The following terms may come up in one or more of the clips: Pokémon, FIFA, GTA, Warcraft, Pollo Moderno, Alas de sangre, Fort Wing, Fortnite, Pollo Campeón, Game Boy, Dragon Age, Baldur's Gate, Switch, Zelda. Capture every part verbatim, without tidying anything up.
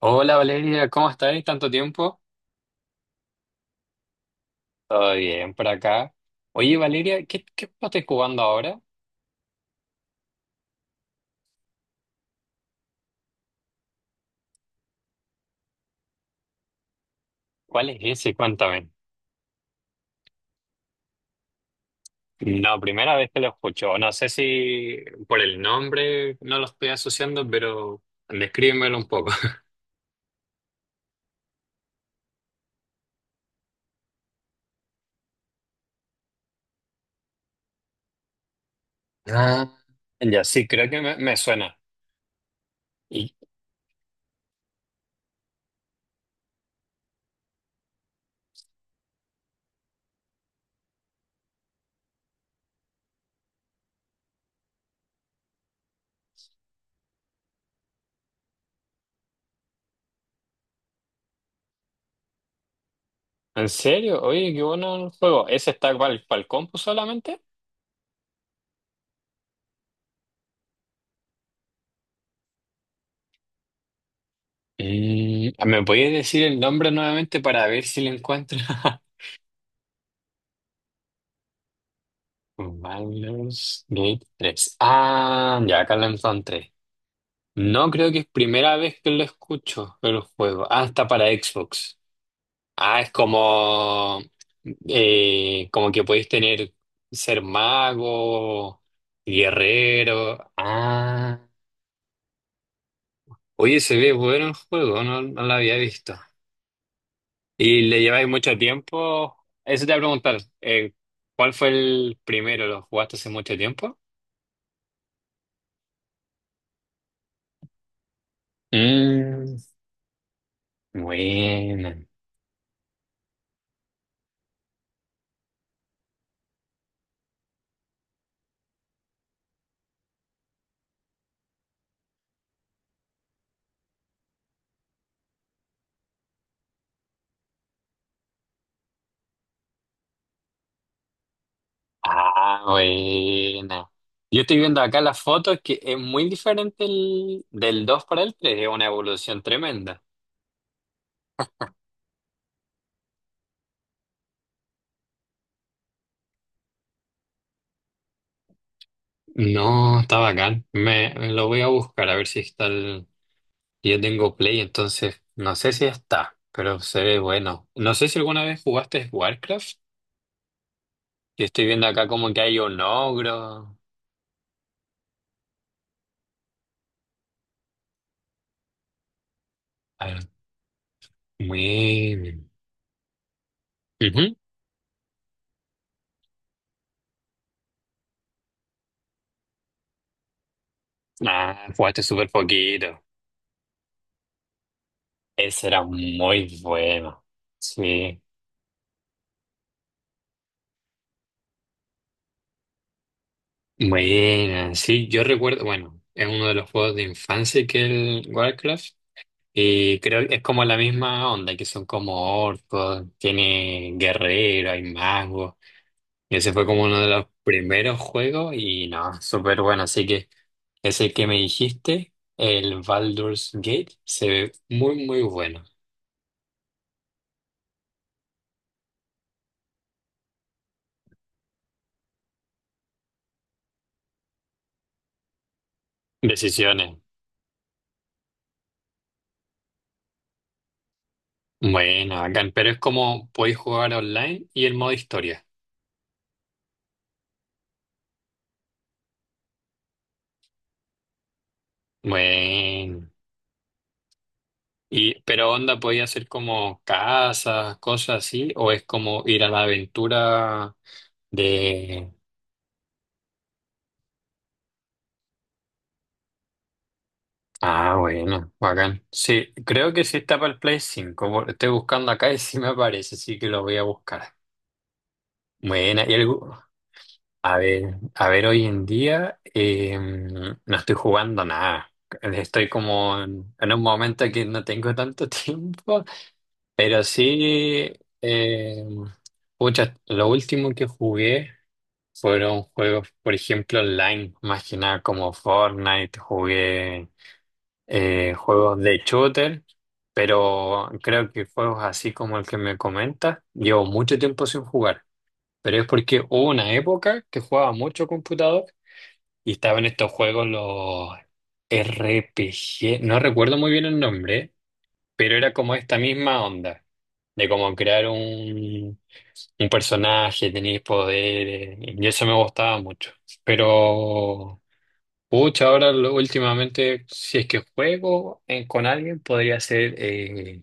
Hola Valeria, ¿cómo estáis? ¿Tanto tiempo? Todo bien por acá. Oye Valeria, ¿qué, qué juego estás jugando ahora? ¿Cuál es ese? Cuéntame. No, primera vez que lo escucho. No sé si por el nombre no lo estoy asociando, pero descríbemelo un poco. Ah. Ya, sí, creo que me, me suena. ¿Y, en serio? Oye, qué bueno el juego. ¿Ese está para el compu solamente? Mm, ¿me podías decir el nombre nuevamente para ver si lo encuentro? Baldur's Gate tres. Ah, ya, acá lo encontré. No creo que es primera vez que lo escucho el juego. Ah, está para Xbox. Ah, es como, eh, como que podéis tener ser mago, guerrero. Ah, oye, se ve bueno el juego, no, no lo había visto. ¿Y le lleváis mucho tiempo? Eso te voy a preguntar, eh, ¿cuál fue el primero? ¿Lo jugaste hace mucho tiempo? Mm, buena. Ah, buena. Yo estoy viendo acá las fotos que es muy diferente el, del dos para el tres, es una evolución tremenda. No, está bacán. Me, lo voy a buscar a ver si está el... Yo tengo Play, entonces no sé si está, pero se ve bueno. No sé si alguna vez jugaste Warcraft. Yo estoy viendo acá como que hay un ogro. A ver, muy bien. Ujú. Ah, jugaste súper poquito. Ese era muy bueno. Sí. Bueno, sí, yo recuerdo, bueno, es uno de los juegos de infancia que es el Warcraft, y creo que es como la misma onda, que son como orcos, tiene guerrero, hay magos, y ese fue como uno de los primeros juegos y no, súper bueno, así que ese que me dijiste, el Baldur's Gate, se ve muy, muy bueno. Decisiones, bueno, bacán, pero es como podéis jugar online y el modo historia. Bueno. Y, pero onda, ¿podía ser como casas, cosas así? ¿O es como ir a la aventura de... Ah, bueno, bacán. Sí, creo que sí está para el Play cinco. por- Estoy buscando acá y sí me aparece, así que lo voy a buscar. Buena, y algo... A ver, a ver, hoy en día eh, no estoy jugando nada. Estoy como en, en un momento que no tengo tanto tiempo, pero sí... Eh, pucha, lo último que jugué... Fueron juegos, por ejemplo, online, más que nada como Fortnite, jugué eh, juegos de shooter, pero creo que juegos así como el que me comentas, llevo mucho tiempo sin jugar, pero es porque hubo una época que jugaba mucho computador y estaban estos juegos, los R P G, no recuerdo muy bien el nombre, pero era como esta misma onda, de como crear un, un personaje, tenías poderes, y eso me gustaba mucho. Pero, pucha, ahora lo- últimamente, si es que juego en- con alguien, podría ser eh,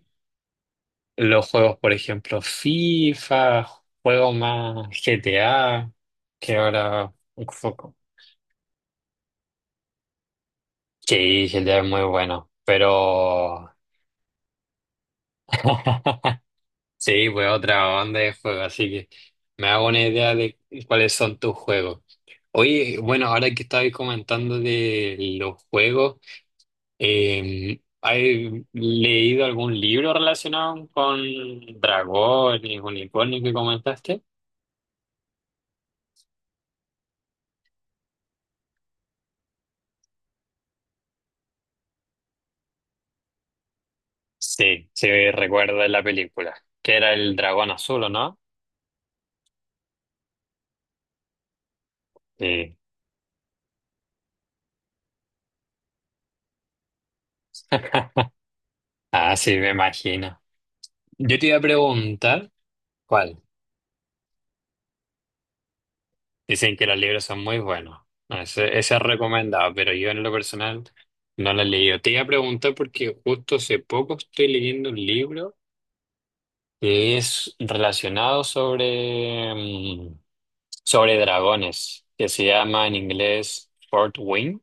los juegos, por ejemplo, FIFA, juegos más G T A, que ahora... Sí, G T A es muy bueno, pero... Sí, pues otra onda de juegos, así que me hago una idea de cuáles son tus juegos. Oye, bueno, ahora que estabais comentando de los juegos, eh, ¿has leído algún libro relacionado con dragones, unicornios que comentaste? Sí, sí, recuerdo la película, que era el dragón azul, ¿o no? Sí. Ah, sí, me imagino. Yo te iba a preguntar, ¿cuál? Dicen que los libros son muy buenos. No, Ese, ese es recomendado, pero yo en lo personal no lo he leído. Te iba a preguntar porque justo hace poco estoy leyendo un libro que es relacionado sobre, mm, sobre dragones, que se llama en inglés Fort Wing.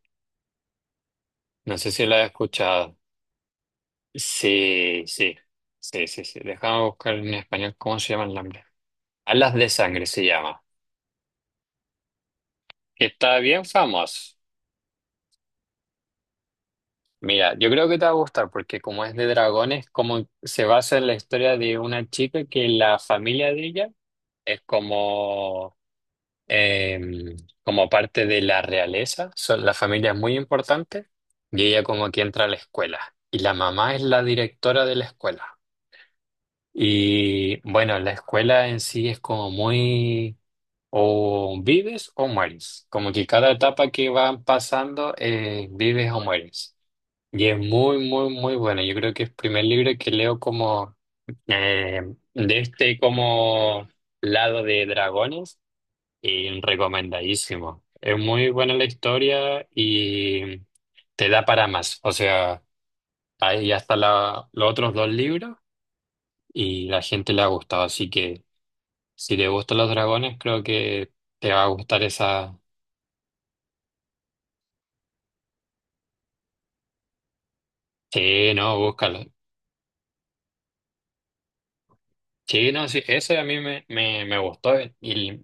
No sé si lo has escuchado. Sí, sí, sí, sí, sí. Déjame buscar en español cómo se llama el nombre. Alas de sangre se llama. Que está bien famoso. Mira, yo creo que te va a gustar porque como es de dragones, como se basa en la historia de una chica que la familia de ella es como, em, como parte de la realeza, son, la familia es muy importante y ella como que entra a la escuela y la mamá es la directora de la escuela. Y bueno, la escuela en sí es como muy o vives o mueres, como que cada etapa que van pasando eh, vives o mueres. Y es muy, muy, muy buena. Yo creo que es el primer libro que leo como eh, de este como lado de dragones y recomendadísimo. Es muy buena la historia y te da para más. O sea, ahí ya están la- los otros dos libros y la gente le ha gustado. Así que si te gustan los dragones, creo que te va a gustar esa... Sí, no, búscalo. Sí, no, sí, ese a mí me, me, me gustó eh, y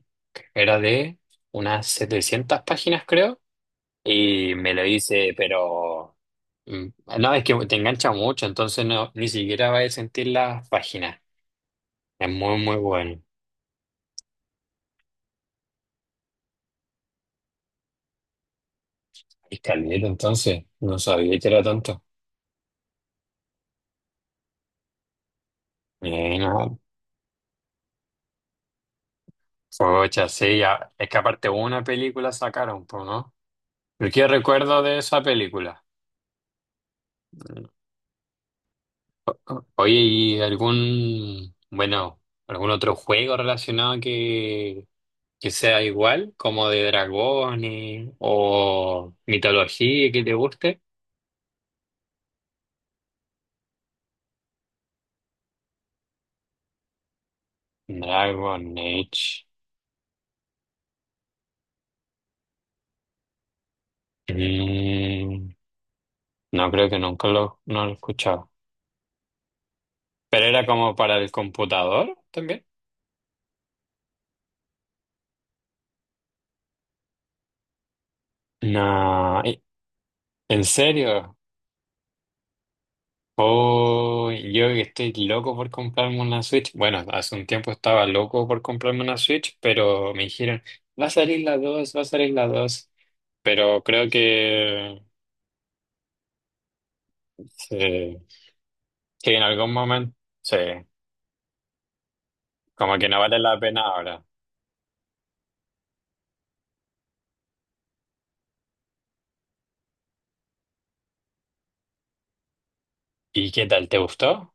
era de unas setecientas páginas, creo, y me lo hice, pero mm, no, es que te engancha mucho, entonces no, ni siquiera vas a sentir las páginas. Es muy, muy bueno. Y caleta, entonces, no sabía que era tanto. Eh, no, pocha, sí, ya, es que aparte una película sacaron, pues, ¿no? Pero ¿qué recuerdo de esa película? Oye, ¿y algún, bueno, algún otro juego relacionado que, que sea igual, como de dragones o mitología que te guste? Dragon Age. Mm, no creo que nunca lo, no lo he escuchado. ¿Pero era como para el computador también? No, ¿en serio? Oh, yo que estoy loco por comprarme una Switch. Bueno, hace un tiempo estaba loco por comprarme una Switch, pero me dijeron, va a salir la dos va a salir la dos Pero creo que, sí, sí, en algún momento, sí, como que no vale la pena ahora. ¿Y qué tal? ¿Te gustó?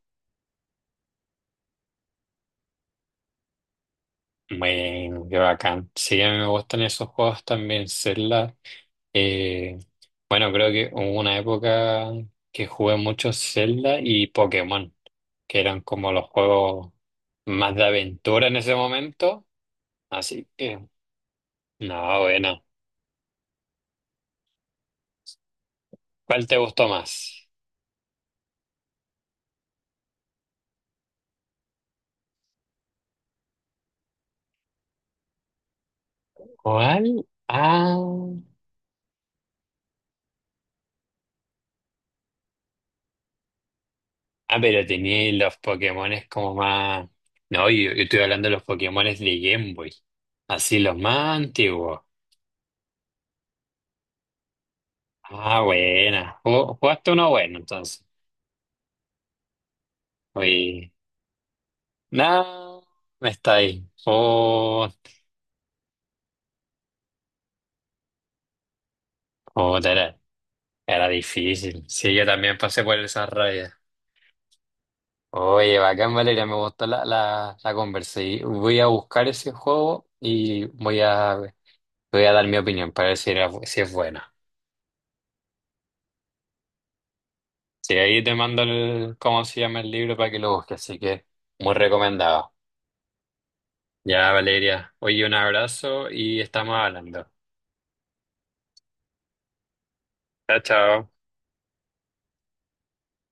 Bueno, qué bacán. Sí, a mí me gustan esos juegos también, Zelda. Eh, bueno, creo que hubo una época que jugué mucho Zelda y Pokémon, que eran como los juegos más de aventura en ese momento. Así que, no, bueno. ¿Cuál te gustó más? ¿Cuál? Ah, ah, pero tenía los Pokémones como más... No, yo, yo estoy hablando de los Pokémones de Game Boy. Así los más antiguos. Ah, buena. Ju- Jugaste uno bueno, entonces. Oye. No, está ahí. Oh, joder, era, era difícil. Sí, yo también pasé por esa raya. Oye, bacán, Valeria, me gustó la, la, la conversa. Y voy a buscar ese juego y voy a, voy a dar mi opinión para ver si, era, si es buena. Sí, ahí te mando el, cómo se llama el libro para que lo busques, así que muy recomendado. Ya, Valeria, oye, un abrazo y estamos hablando. Chao, chao.